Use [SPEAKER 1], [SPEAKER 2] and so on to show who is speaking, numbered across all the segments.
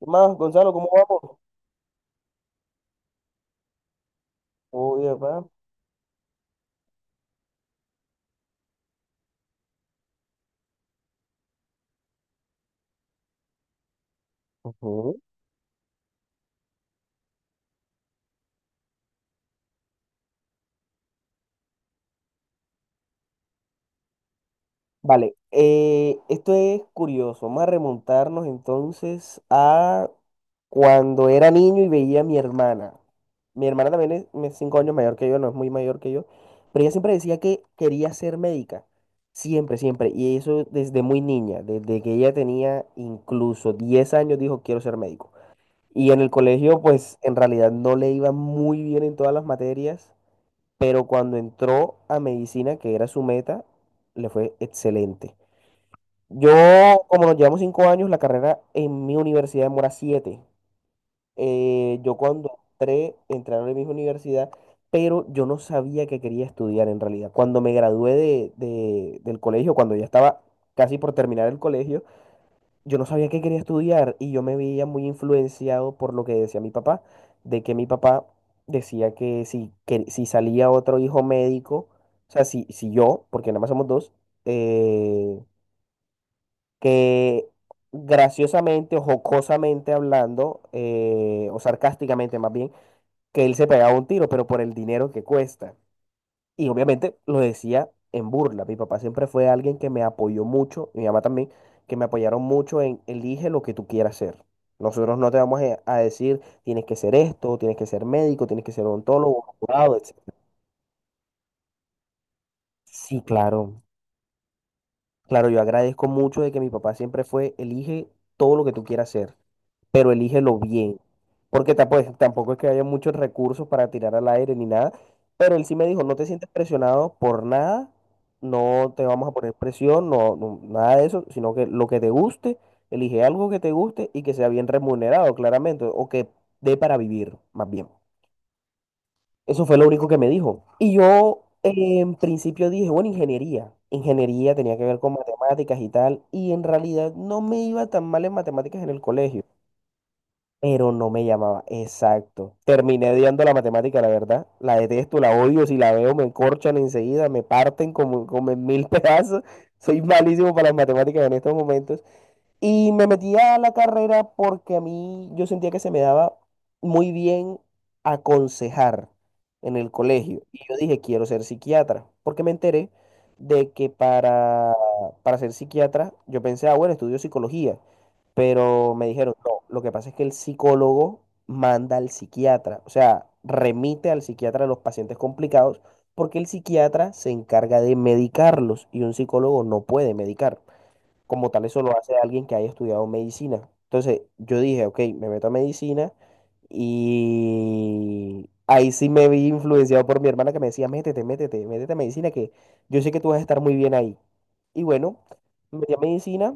[SPEAKER 1] ¿Qué más, Gonzalo? ¿Cómo vamos? Oye, papá. Ujú. Vale, esto es curioso. Vamos a remontarnos entonces a cuando era niño y veía a mi hermana. Mi hermana también es cinco años mayor que yo, no es muy mayor que yo, pero ella siempre decía que quería ser médica. Siempre, siempre. Y eso desde muy niña, desde que ella tenía incluso 10 años, dijo, quiero ser médico. Y en el colegio, pues en realidad no le iba muy bien en todas las materias, pero cuando entró a medicina, que era su meta, le fue excelente. Yo, como nos llevamos cinco años, la carrera en mi universidad demora siete. Yo cuando entré, entré a la misma universidad, pero yo no sabía que quería estudiar en realidad. Cuando me gradué del colegio, cuando ya estaba casi por terminar el colegio, yo no sabía qué quería estudiar y yo me veía muy influenciado por lo que decía mi papá, de que mi papá decía que si salía otro hijo médico, o sea, si, si yo, porque nada más somos dos, eh, que graciosamente o jocosamente hablando, o sarcásticamente más bien, que él se pegaba un tiro, pero por el dinero que cuesta. Y obviamente lo decía en burla. Mi papá siempre fue alguien que me apoyó mucho, y mi mamá también, que me apoyaron mucho en elige lo que tú quieras ser. Nosotros no te vamos a decir tienes que ser esto, tienes que ser médico, tienes que ser odontólogo, abogado, etc. Sí, claro. Claro, yo agradezco mucho de que mi papá siempre fue elige todo lo que tú quieras ser, pero elígelo bien. Porque pues, tampoco es que haya muchos recursos para tirar al aire ni nada. Pero él sí me dijo, no te sientes presionado por nada, no te vamos a poner presión, nada de eso, sino que lo que te guste, elige algo que te guste y que sea bien remunerado, claramente, o que dé para vivir, más bien. Eso fue lo único que me dijo. Y yo en principio dije, bueno, ingeniería. Ingeniería tenía que ver con matemáticas y tal, y en realidad no me iba tan mal en matemáticas en el colegio. Pero no me llamaba, exacto. Terminé odiando la matemática, la verdad. La detesto, la odio. Si la veo, me encorchan enseguida, me parten como, como en mil pedazos. Soy malísimo para las matemáticas en estos momentos. Y me metí a la carrera porque a mí yo sentía que se me daba muy bien aconsejar en el colegio. Y yo dije, quiero ser psiquiatra, porque me enteré de que para ser psiquiatra, yo pensé, ah, bueno, estudio psicología, pero me dijeron, no, lo que pasa es que el psicólogo manda al psiquiatra, o sea, remite al psiquiatra a los pacientes complicados, porque el psiquiatra se encarga de medicarlos y un psicólogo no puede medicar como tal. Eso lo hace alguien que haya estudiado medicina. Entonces yo dije, ok, me meto a medicina y ahí sí me vi influenciado por mi hermana que me decía, métete, métete, métete a medicina, que yo sé que tú vas a estar muy bien ahí. Y bueno, me metí a medicina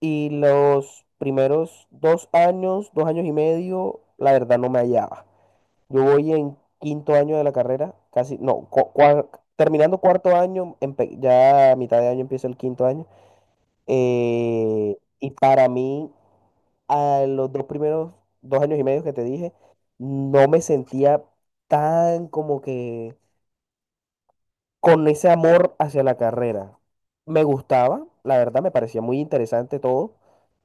[SPEAKER 1] y los primeros dos años y medio, la verdad no me hallaba. Yo voy en quinto año de la carrera, casi, no, terminando cuarto año, ya a mitad de año empieza el quinto año. Y para mí, a los dos primeros dos años y medio que te dije, no me sentía tan como que con ese amor hacia la carrera. Me gustaba, la verdad, me parecía muy interesante todo.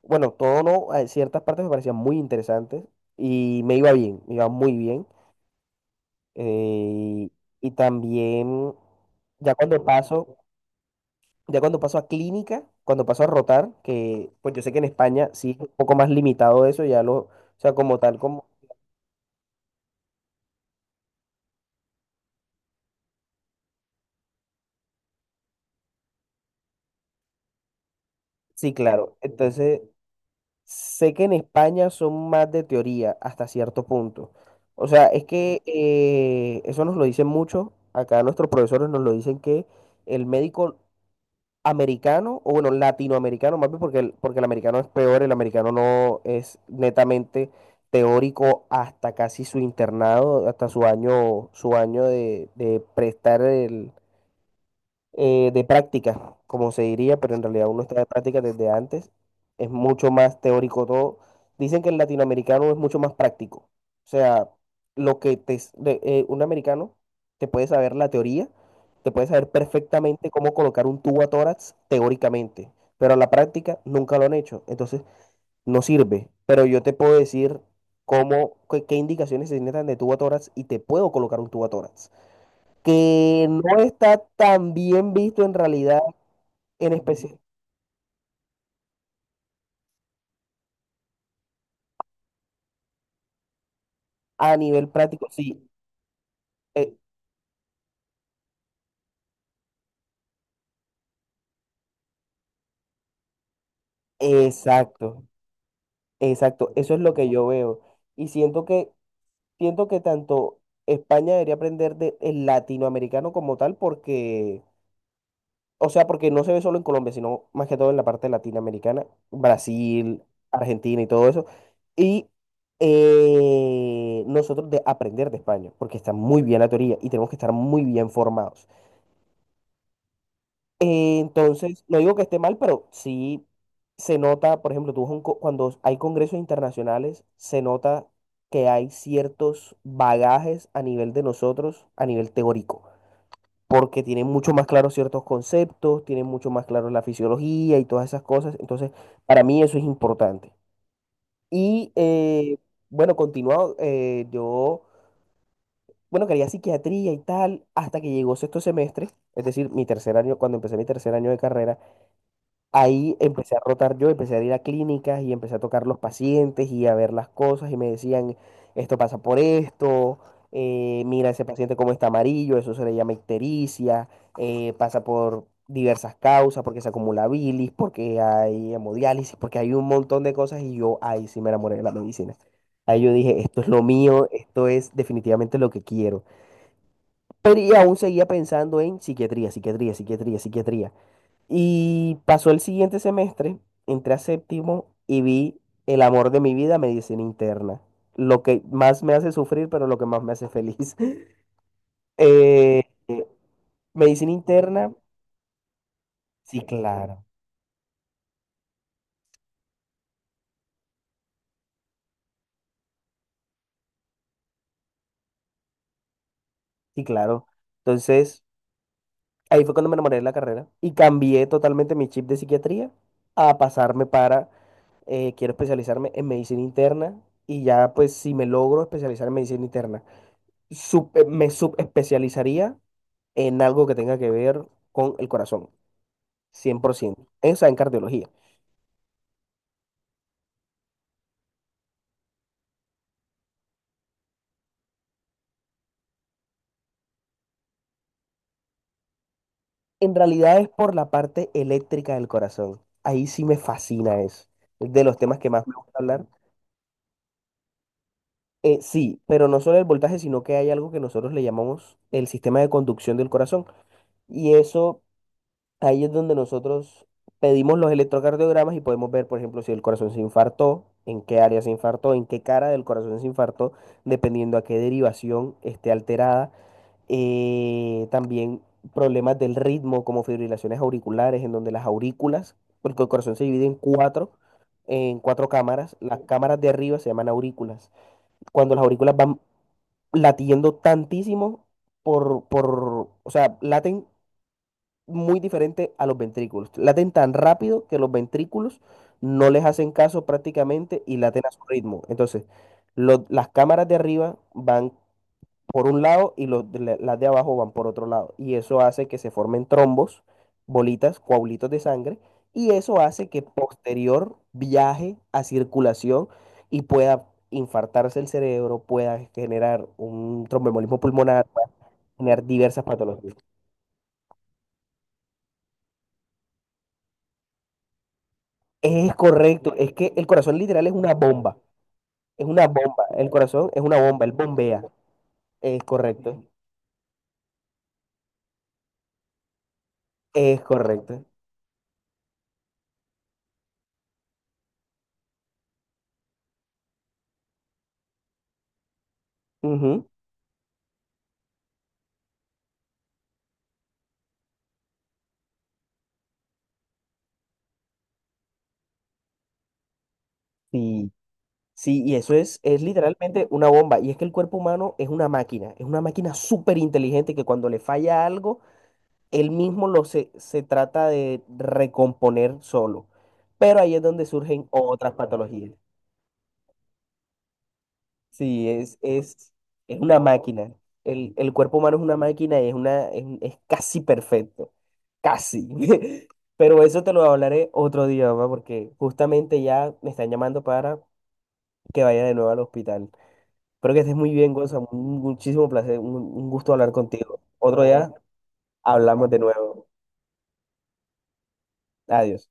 [SPEAKER 1] Bueno, todo no, ciertas partes me parecían muy interesantes y me iba bien, me iba muy bien. Eh, y también, ya cuando paso, ya cuando paso a clínica, cuando paso a rotar, que pues yo sé que en España sí es un poco más limitado eso, ya lo, o sea, como tal, como, sí, claro. Entonces, sé que en España son más de teoría hasta cierto punto. O sea, es que eso nos lo dicen mucho, acá nuestros profesores nos lo dicen que el médico americano, o bueno, latinoamericano más bien, porque porque el americano es peor, el americano no es netamente teórico hasta casi su internado, hasta su año de prestar el, de práctica, como se diría, pero en realidad uno está de práctica desde antes. Es mucho más teórico todo. Dicen que el latinoamericano es mucho más práctico. O sea, lo que te, s- de- un americano te puede saber la teoría, te puede saber perfectamente cómo colocar un tubo a tórax teóricamente, pero a la práctica nunca lo han hecho. Entonces, no sirve. Pero yo te puedo decir cómo, qué, qué indicaciones se necesitan de tubo a tórax y te puedo colocar un tubo a tórax, que no está tan bien visto en realidad, en especial a nivel práctico. Sí, e- exacto, exacto. Eso es lo que yo veo. Y siento que tanto España debería aprender de el latinoamericano como tal, porque, o sea, porque no se ve solo en Colombia, sino más que todo en la parte latinoamericana, Brasil, Argentina y todo eso. Y nosotros de aprender de España, porque está muy bien la teoría y tenemos que estar muy bien formados. Entonces, no digo que esté mal, pero sí se nota, por ejemplo, tú vas a un cuando hay congresos internacionales, se nota que hay ciertos bagajes a nivel de nosotros, a nivel teórico, porque tienen mucho más claros ciertos conceptos, tienen mucho más claro la fisiología y todas esas cosas. Entonces, para mí eso es importante. Y bueno, continuado, eh, yo, bueno, quería psiquiatría y tal, hasta que llegó sexto semestre, es decir, mi tercer año, cuando empecé mi tercer año de carrera. Ahí empecé a rotar yo, empecé a ir a clínicas y empecé a tocar los pacientes y a ver las cosas y me decían, esto pasa por esto, mira ese paciente como está amarillo, eso se le llama ictericia, pasa por diversas causas, porque se acumula bilis, porque hay hemodiálisis, porque hay un montón de cosas y yo ahí sí me enamoré de la medicina. Ahí yo dije, esto es lo mío, esto es definitivamente lo que quiero. Pero y aún seguía pensando en psiquiatría, psiquiatría, psiquiatría, psiquiatría. Y pasó el siguiente semestre, entré a séptimo y vi el amor de mi vida, medicina interna. Lo que más me hace sufrir, pero lo que más me hace feliz. Eh, eh, medicina interna, sí, claro, sí, claro. Entonces, ahí fue cuando me enamoré de la carrera y cambié totalmente mi chip de psiquiatría a pasarme para, quiero especializarme en medicina interna y ya pues si me logro especializar en medicina interna, me subespecializaría en algo que tenga que ver con el corazón, 100%. Esa en cardiología. En realidad es por la parte eléctrica del corazón. Ahí sí me fascina eso. Es de los temas que más me gusta hablar. Sí, pero no solo el voltaje, sino que hay algo que nosotros le llamamos el sistema de conducción del corazón. Y eso, ahí es donde nosotros pedimos los electrocardiogramas y podemos ver, por ejemplo, si el corazón se infartó, en qué área se infartó, en qué cara del corazón se infartó, dependiendo a qué derivación esté alterada. También problemas del ritmo como fibrilaciones auriculares, en donde las aurículas, porque el corazón se divide en cuatro cámaras, las cámaras de arriba se llaman aurículas. Cuando las aurículas van latiendo tantísimo o sea, laten muy diferente a los ventrículos, laten tan rápido que los ventrículos no les hacen caso prácticamente y laten a su ritmo. Entonces, las cámaras de arriba van por un lado y los las de abajo van por otro lado. Y eso hace que se formen trombos, bolitas, coágulos de sangre, y eso hace que posterior viaje a circulación y pueda infartarse el cerebro, pueda generar un tromboembolismo pulmonar, pueda generar diversas patologías. Es correcto, es que el corazón literal es una bomba, el corazón es una bomba, él bombea. Es correcto, es correcto. Ujú, sí. Sí, y eso es literalmente una bomba. Y es que el cuerpo humano es una máquina súper inteligente que cuando le falla algo, él mismo se trata de recomponer solo. Pero ahí es donde surgen otras patologías. Sí, es una máquina. El cuerpo humano es una máquina y es casi perfecto. Casi. Pero eso te lo hablaré otro día, mamá, porque justamente ya me están llamando para que vaya de nuevo al hospital. Espero que estés muy bien, Gonzalo. Un muchísimo placer, un gusto hablar contigo. Otro Vale, día hablamos de nuevo. Adiós.